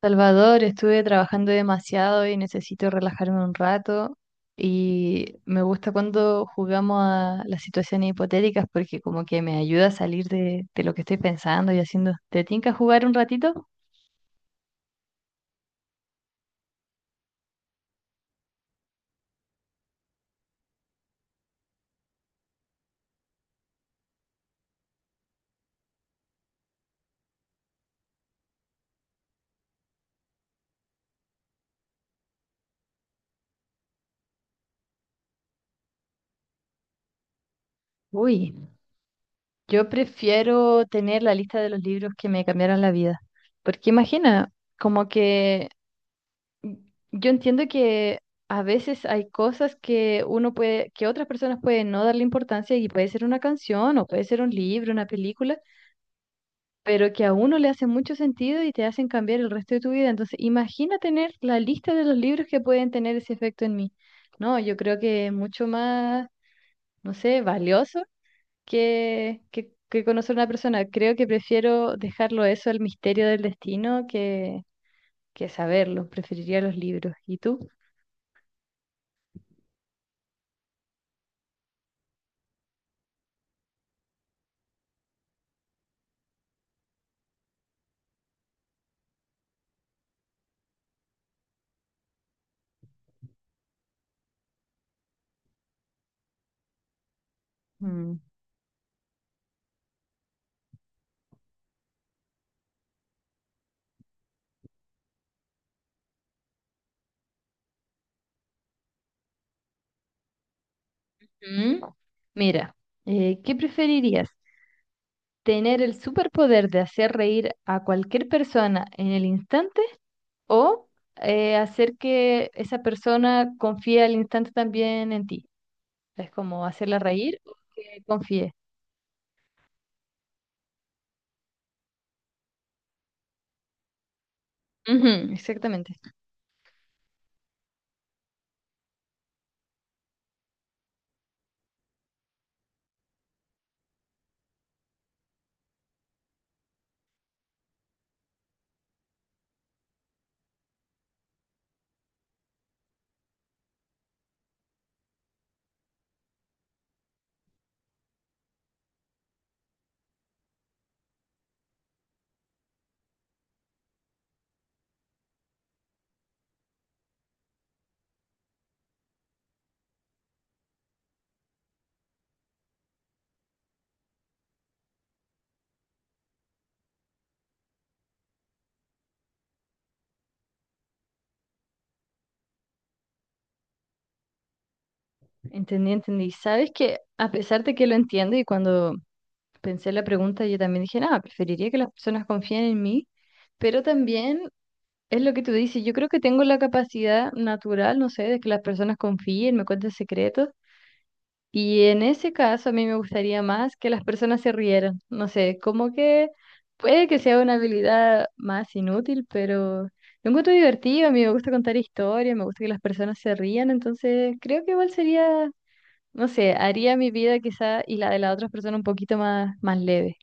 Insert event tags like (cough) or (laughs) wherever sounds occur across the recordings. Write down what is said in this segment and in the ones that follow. Salvador, estuve trabajando demasiado y necesito relajarme un rato. Y me gusta cuando jugamos a las situaciones hipotéticas porque como que me ayuda a salir de lo que estoy pensando y haciendo. ¿Te tinca jugar un ratito? Uy, yo prefiero tener la lista de los libros que me cambiaron la vida. Porque imagina, como que yo entiendo que a veces hay cosas que uno puede, que otras personas pueden no darle importancia y puede ser una canción o puede ser un libro, una película pero que a uno le hace mucho sentido y te hacen cambiar el resto de tu vida. Entonces, imagina tener la lista de los libros que pueden tener ese efecto en mí. No, yo creo que es mucho más, no sé, valioso que conocer a una persona. Creo que prefiero dejarlo eso al misterio del destino que saberlo. Preferiría los libros. ¿Y tú? Mm. Mm. Mira, ¿qué preferirías? ¿Tener el superpoder de hacer reír a cualquier persona en el instante, o hacer que esa persona confíe al instante también en ti? Es como hacerla reír o que confíe. Ujú, exactamente. Entendí, entendí. Sabes que a pesar de que lo entiendo y cuando pensé la pregunta yo también dije, nada, preferiría que las personas confíen en mí, pero también es lo que tú dices, yo creo que tengo la capacidad natural, no sé, de que las personas confíen, me cuenten secretos. Y en ese caso a mí me gustaría más que las personas se rieran. No sé, como que puede que sea una habilidad más inútil, pero lo encuentro divertido. A mí me gusta contar historias, me gusta que las personas se rían, entonces creo que igual sería, no sé, haría mi vida quizá y la de las otras personas un poquito más, más leve.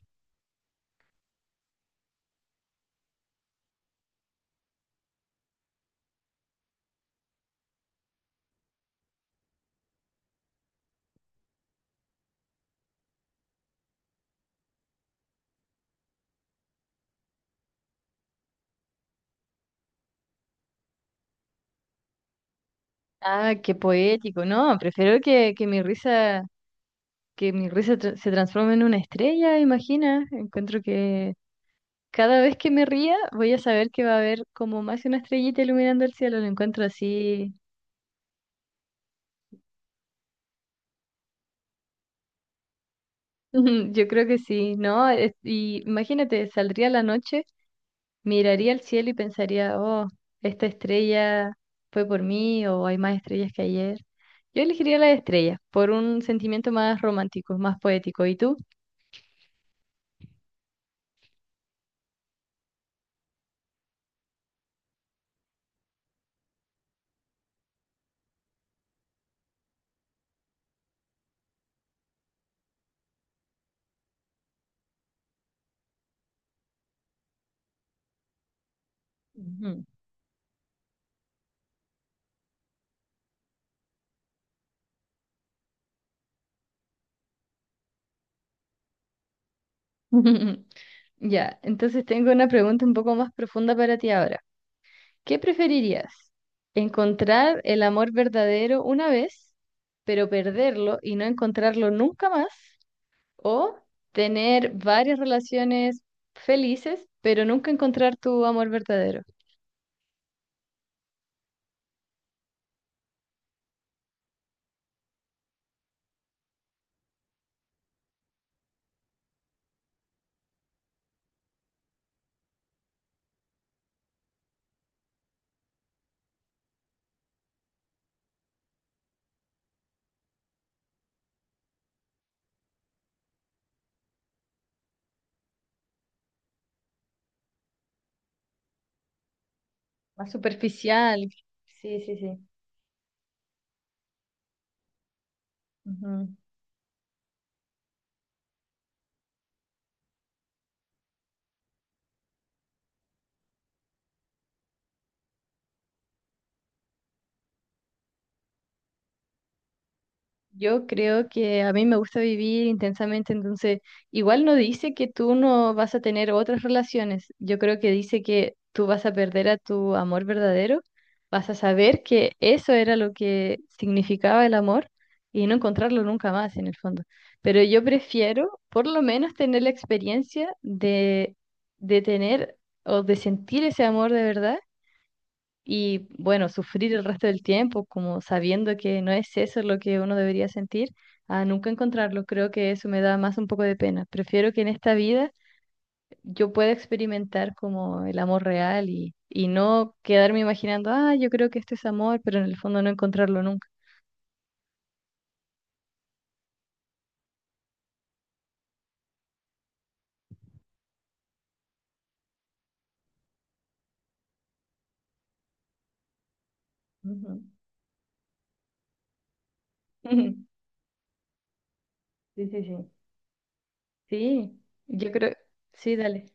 Ah, qué poético. No, prefiero que mi risa se transforme en una estrella, imagina. Encuentro que cada vez que me ría, voy a saber que va a haber como más una estrellita iluminando el cielo. Lo encuentro así. (laughs) Yo creo que sí, ¿no? Y imagínate, saldría a la noche, miraría al cielo y pensaría, oh, esta estrella fue por mí o hay más estrellas que ayer. Yo elegiría las estrellas por un sentimiento más romántico, más poético. ¿Y tú? Ujú. (laughs) Ya, entonces tengo una pregunta un poco más profunda para ti ahora. ¿Qué preferirías? ¿Encontrar el amor verdadero una vez, pero perderlo y no encontrarlo nunca más? ¿O tener varias relaciones felices, pero nunca encontrar tu amor verdadero? Más superficial. Sí, sí, sí. Ujú. Yo creo que a mí me gusta vivir intensamente, entonces igual no dice que tú no vas a tener otras relaciones, yo creo que dice que tú vas a perder a tu amor verdadero, vas a saber que eso era lo que significaba el amor y no encontrarlo nunca más en el fondo. Pero yo prefiero por lo menos tener la experiencia de tener o de sentir ese amor de verdad y bueno, sufrir el resto del tiempo, como sabiendo que no es eso lo que uno debería sentir, a nunca encontrarlo. Creo que eso me da más un poco de pena. Prefiero que en esta vida yo pueda experimentar como el amor real y no quedarme imaginando, ah, yo creo que esto es amor, pero en el fondo no encontrarlo nunca. Ujú. (laughs) Sí, sí, sí. Sí, yo creo, sí, dale.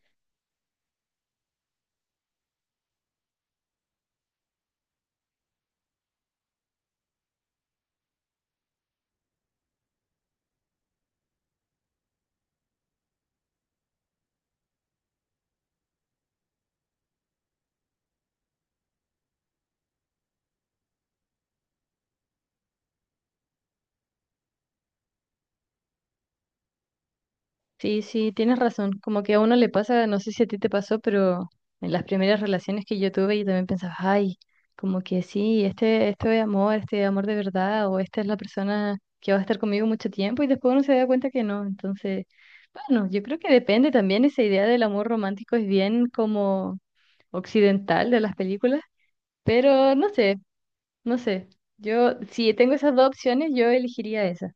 Sí, sí, tienes razón. Como que a uno le pasa, no sé si a ti te pasó, pero en las primeras relaciones que yo tuve, yo también pensaba, ay, como que sí, este, esto es amor, este es amor de verdad, o esta es la persona que va a estar conmigo mucho tiempo, y después uno se da cuenta que no. Entonces, bueno, yo creo que depende también esa idea del amor romántico, es bien como occidental de las películas, pero no sé, no sé. Yo, si tengo esas dos opciones, yo elegiría esa.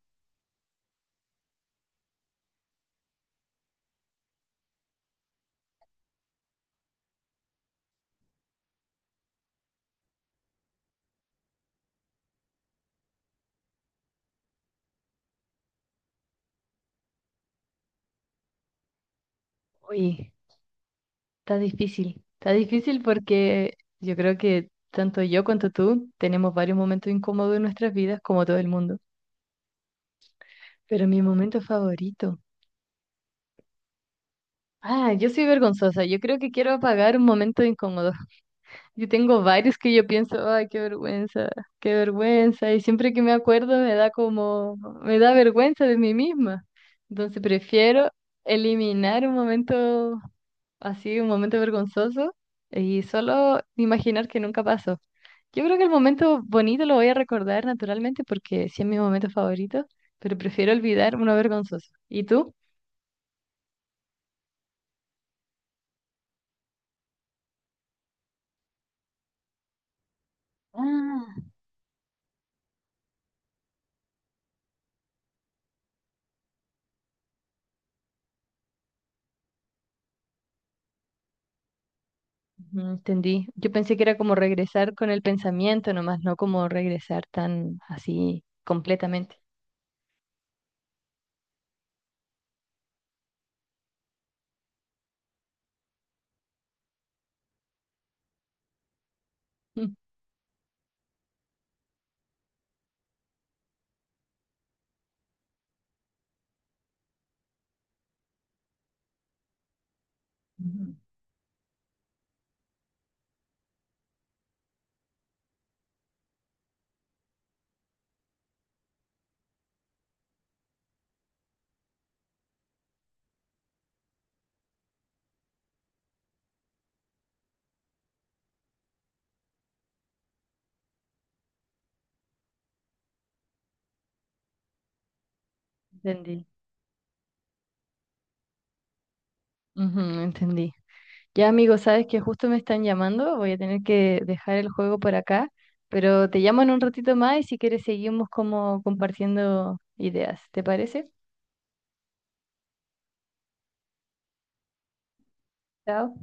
Uy. Está difícil porque yo creo que tanto yo cuanto tú tenemos varios momentos incómodos en nuestras vidas, como todo el mundo. Pero mi momento favorito. Ah, yo soy vergonzosa. Yo creo que quiero apagar un momento incómodo. Yo tengo varios que yo pienso, ay, qué vergüenza, qué vergüenza. Y siempre que me acuerdo me da como, me da vergüenza de mí misma. Entonces prefiero eliminar un momento así un momento vergonzoso y solo imaginar que nunca pasó. Yo creo que el momento bonito lo voy a recordar naturalmente porque sí es mi momento favorito, pero prefiero olvidar uno vergonzoso. ¿Y tú? Ujú, entendí. Yo pensé que era como regresar con el pensamiento nomás, no como regresar tan así completamente. (laughs) Mm, ujú. Entendí. Ujú, entendí. Ya, amigo, sabes que justo me están llamando, voy a tener que dejar el juego por acá, pero te llamo en un ratito más y si quieres seguimos como compartiendo ideas, ¿te parece? Chao.